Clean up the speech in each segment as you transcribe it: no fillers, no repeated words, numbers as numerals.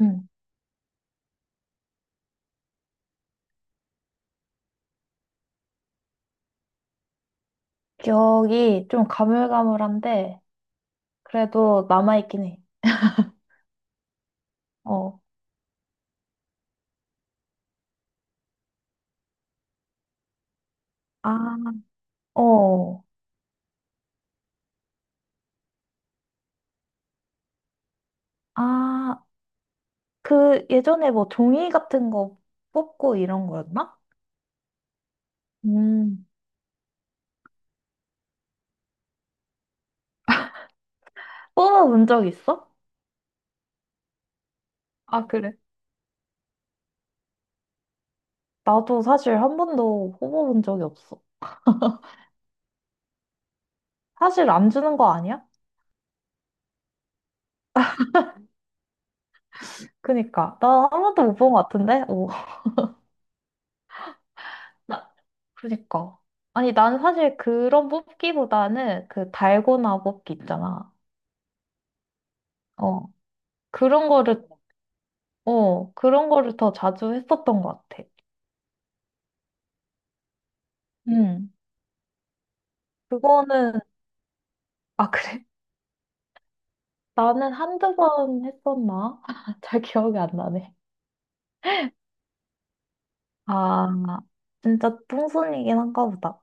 음. 기억이 좀 가물가물한데, 그래도 남아있긴 해. 어, 아, 어. 아, 그 예전에 뭐 종이 같은 거 뽑고 이런 거였나? 음. 뽑아본 적 있어? 아, 그래. 나도 사실 한 번도 뽑아본 적이 없어. 사실 안 주는 거 아니야? 그니까. 나 한 번도 못 본 것 같은데? 오. 나- 그니까. 아니, 나는 사실 그런 뽑기보다는 그 달고나 뽑기 있잖아. 어. 그런 거를 그런 거를 더 자주 했었던 것 같아. 응. 그거는, 아, 그래? 나는 한두 번 했었나? 잘 기억이 안 나네. 아, 진짜 똥손이긴 한가 보다.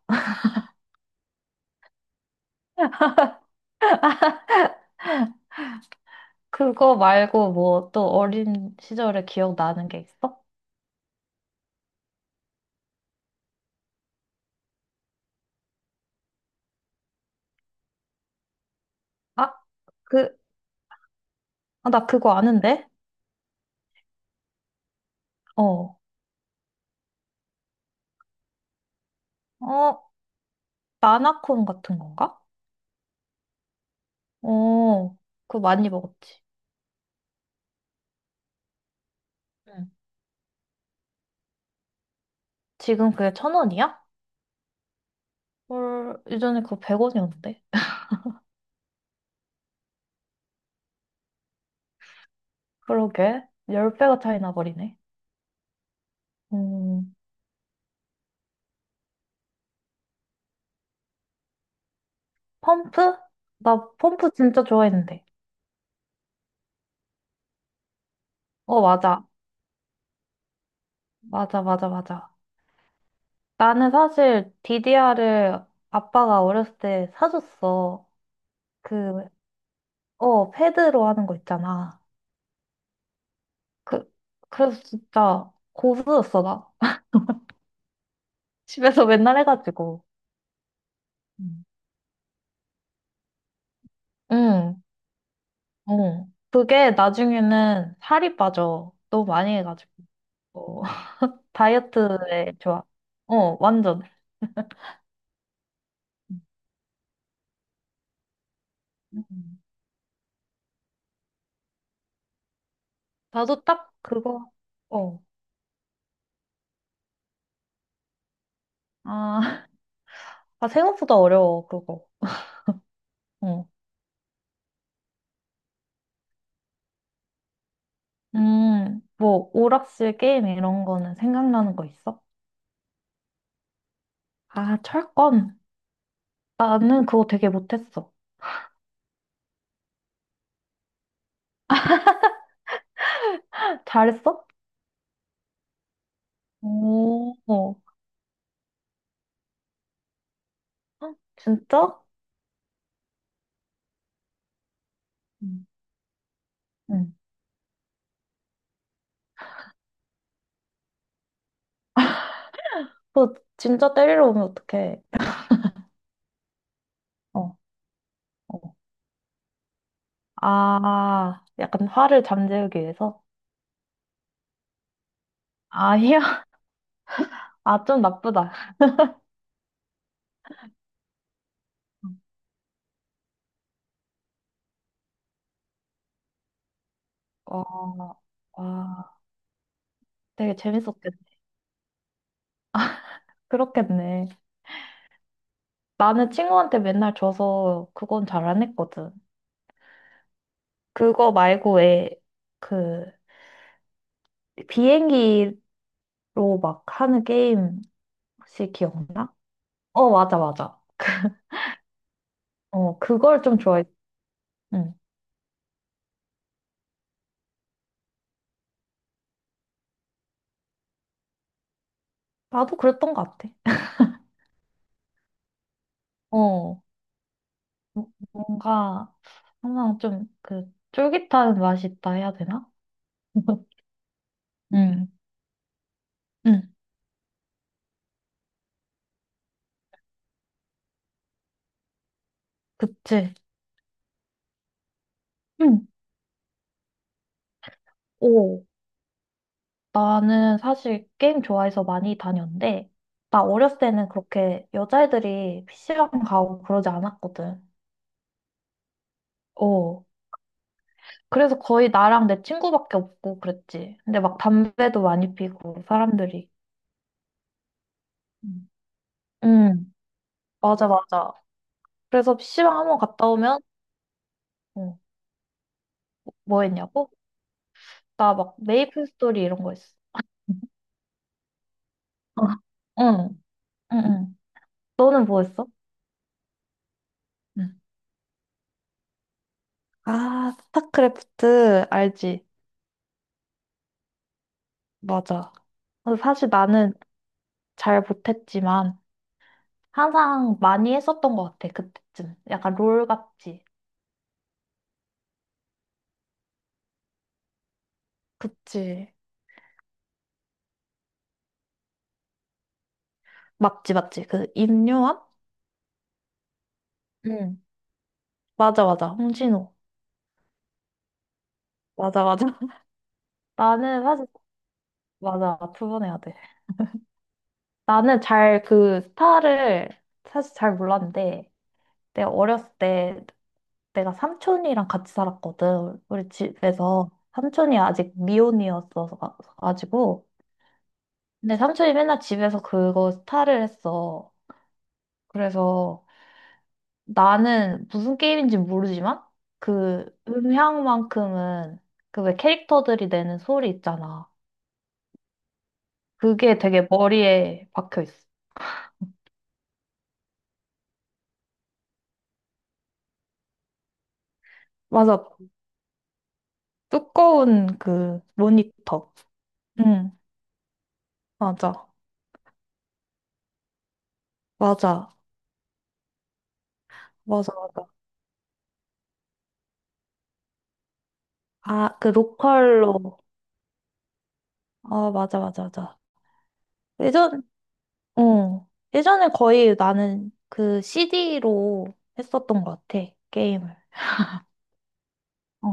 그거 말고 뭐 또 어린 시절에 기억나는 게 있어? 아, 그, 아, 나 그거 아는데? 어, 어, 마나콘 같은 건가? 어, 그거 많이 먹었지. 응. 지금 그게 천 원이야? 헐, 예전에 그거 백 원이었는데. 그러게. 10배가 차이 나버리네. 음, 펌프? 나 펌프 진짜 좋아했는데. 어, 맞아. 맞아, 맞아, 맞아. 나는 사실 DDR을 아빠가 어렸을 때 사줬어. 그, 패드로 하는 거 있잖아. 그, 그래서 진짜 고수였어, 나. 집에서 맨날 해가지고. 음. 응, 어. 그게 나중에는 살이 빠져. 너무 많이 해가지고. 어, 다이어트에 좋아. 어, 완전. 음. 나도 딱 그거, 어. 아, 아, 생각보다 어려워, 그거. 어. 뭐, 오락실 게임 이런 거는 생각나는 거 있어? 아, 철권. 나는 그거 되게 못했어. 잘했어? 오, 어. 헉, 진짜? 응. 응. 그거 진짜 때리러 오면 어떡해. 어, 어. 아, 약간 화를 잠재우기 위해서? 아니야. 아, 좀 나쁘다. 와, 와, 되게 재밌었겠네. 그렇겠네. 나는 친구한테 맨날 줘서 그건 잘 안 했거든. 그거 말고 왜 그 비행기로 막 하는 게임 혹시 기억나? 어, 맞아, 맞아. 어, 그걸 좀 좋아해. 응. 나도 그랬던 것 같아. 어, 뭔가 항상 좀 그 쫄깃한 맛이 있다 해야 되나? 응, 응, 그치. 응. 오. 나는 사실 게임 좋아해서 많이 다녔는데, 나 어렸을 때는 그렇게 여자애들이 PC방 가고 그러지 않았거든. 어. 그래서 거의 나랑 내 친구밖에 없고 그랬지. 근데 막 담배도 많이 피고, 사람들이. 음. 응, 맞아, 맞아. 그래서 PC방 한번 갔다 오면, 어, 뭐 했냐고? 나 막 메이플 스토리 이런 거 했어. 어. 응, 응, 응. 너는 뭐 했어? 응. 아, 스타크래프트, 알지? 맞아. 근데 사실 나는 잘 못했지만 항상 많이 했었던 것 같아. 그때쯤 약간 롤 같지. 그치. 맞지 맞지. 그 임요한. 응. 맞아 맞아 홍진호. 맞아 맞아. 나는 사실 맞아, 2번 해야 돼. 나는 잘 그 스타를 사실 잘 몰랐는데, 내가 어렸을 때 내가 삼촌이랑 같이 살았거든. 우리 집에서 삼촌이 아직 미혼이었어서 가지고. 근데 삼촌이 맨날 집에서 그거 스타를 했어. 그래서 나는 무슨 게임인지 모르지만 그 음향만큼은, 그 왜 캐릭터들이 내는 소리 있잖아. 그게 되게 머리에 박혀 있어. 맞아. 두꺼운 그 모니터. 응, 맞아. 맞아. 맞아, 맞아. 아, 그 로컬로. 아, 맞아, 맞아, 맞아. 예전, 어. 예전에 거의 나는 그 CD로 했었던 것 같아. 게임을. 어,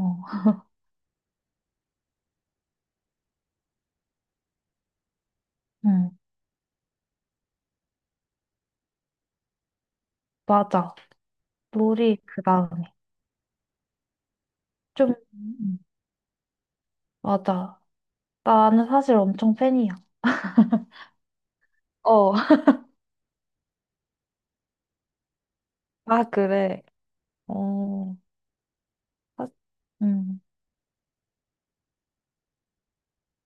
응, 맞아. 놀이 그 다음에. 좀, 맞아. 나는 사실 엄청 팬이야. 어, 아, 그래. 어, 사- 음,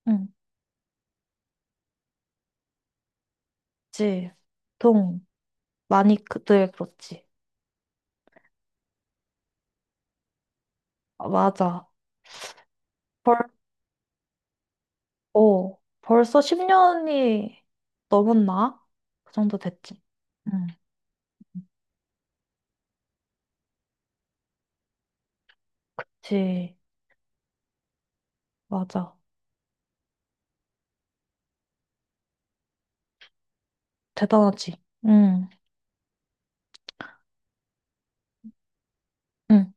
음, 그치. 동, 많이 그들 그렇지. 아, 맞아. 벌, 어, 벌써 10년이 넘었나? 그 정도 됐지. 응, 그치. 맞아. 대단하지. 응, 응,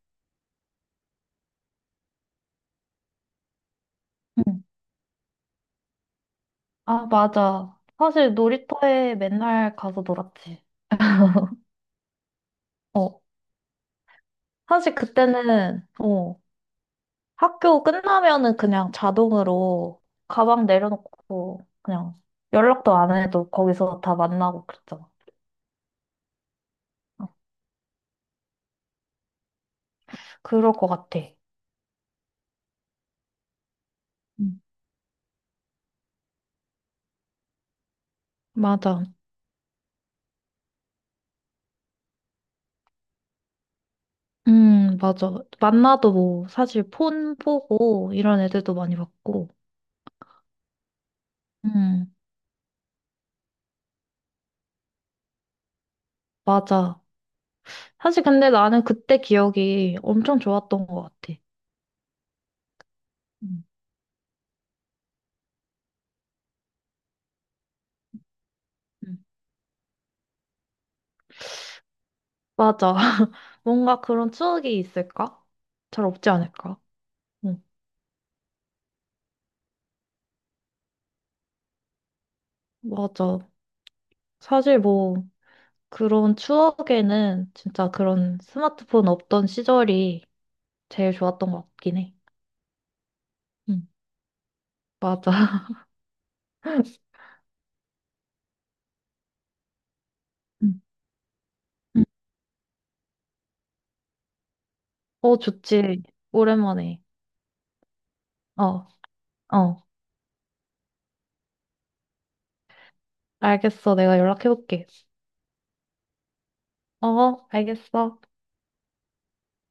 응. 아, 맞아. 사실 놀이터에 맨날 가서 놀았지. 어, 사실 그때는, 학교 끝나면은 그냥 자동으로 가방 내려놓고 그냥 연락도 안 해도 거기서 다 만나고 그랬잖아. 그럴 것 같아. 음. 맞아. 맞아. 만나도 뭐 사실 폰 보고 이런 애들도 많이 봤고. 음, 맞아. 사실 근데 나는 그때 기억이 엄청 좋았던 것 같아. 음. 음. 맞아. 뭔가 그런 추억이 있을까? 잘 없지 않을까? 응, 맞아. 사실 뭐, 그런 추억에는 진짜 그런 스마트폰 없던 시절이 제일 좋았던 것 같긴 해. 응, 맞아. 응. 응. 어, 좋지. 오랜만에. 어, 어. 알겠어. 내가 연락해볼게. 어, 알겠어.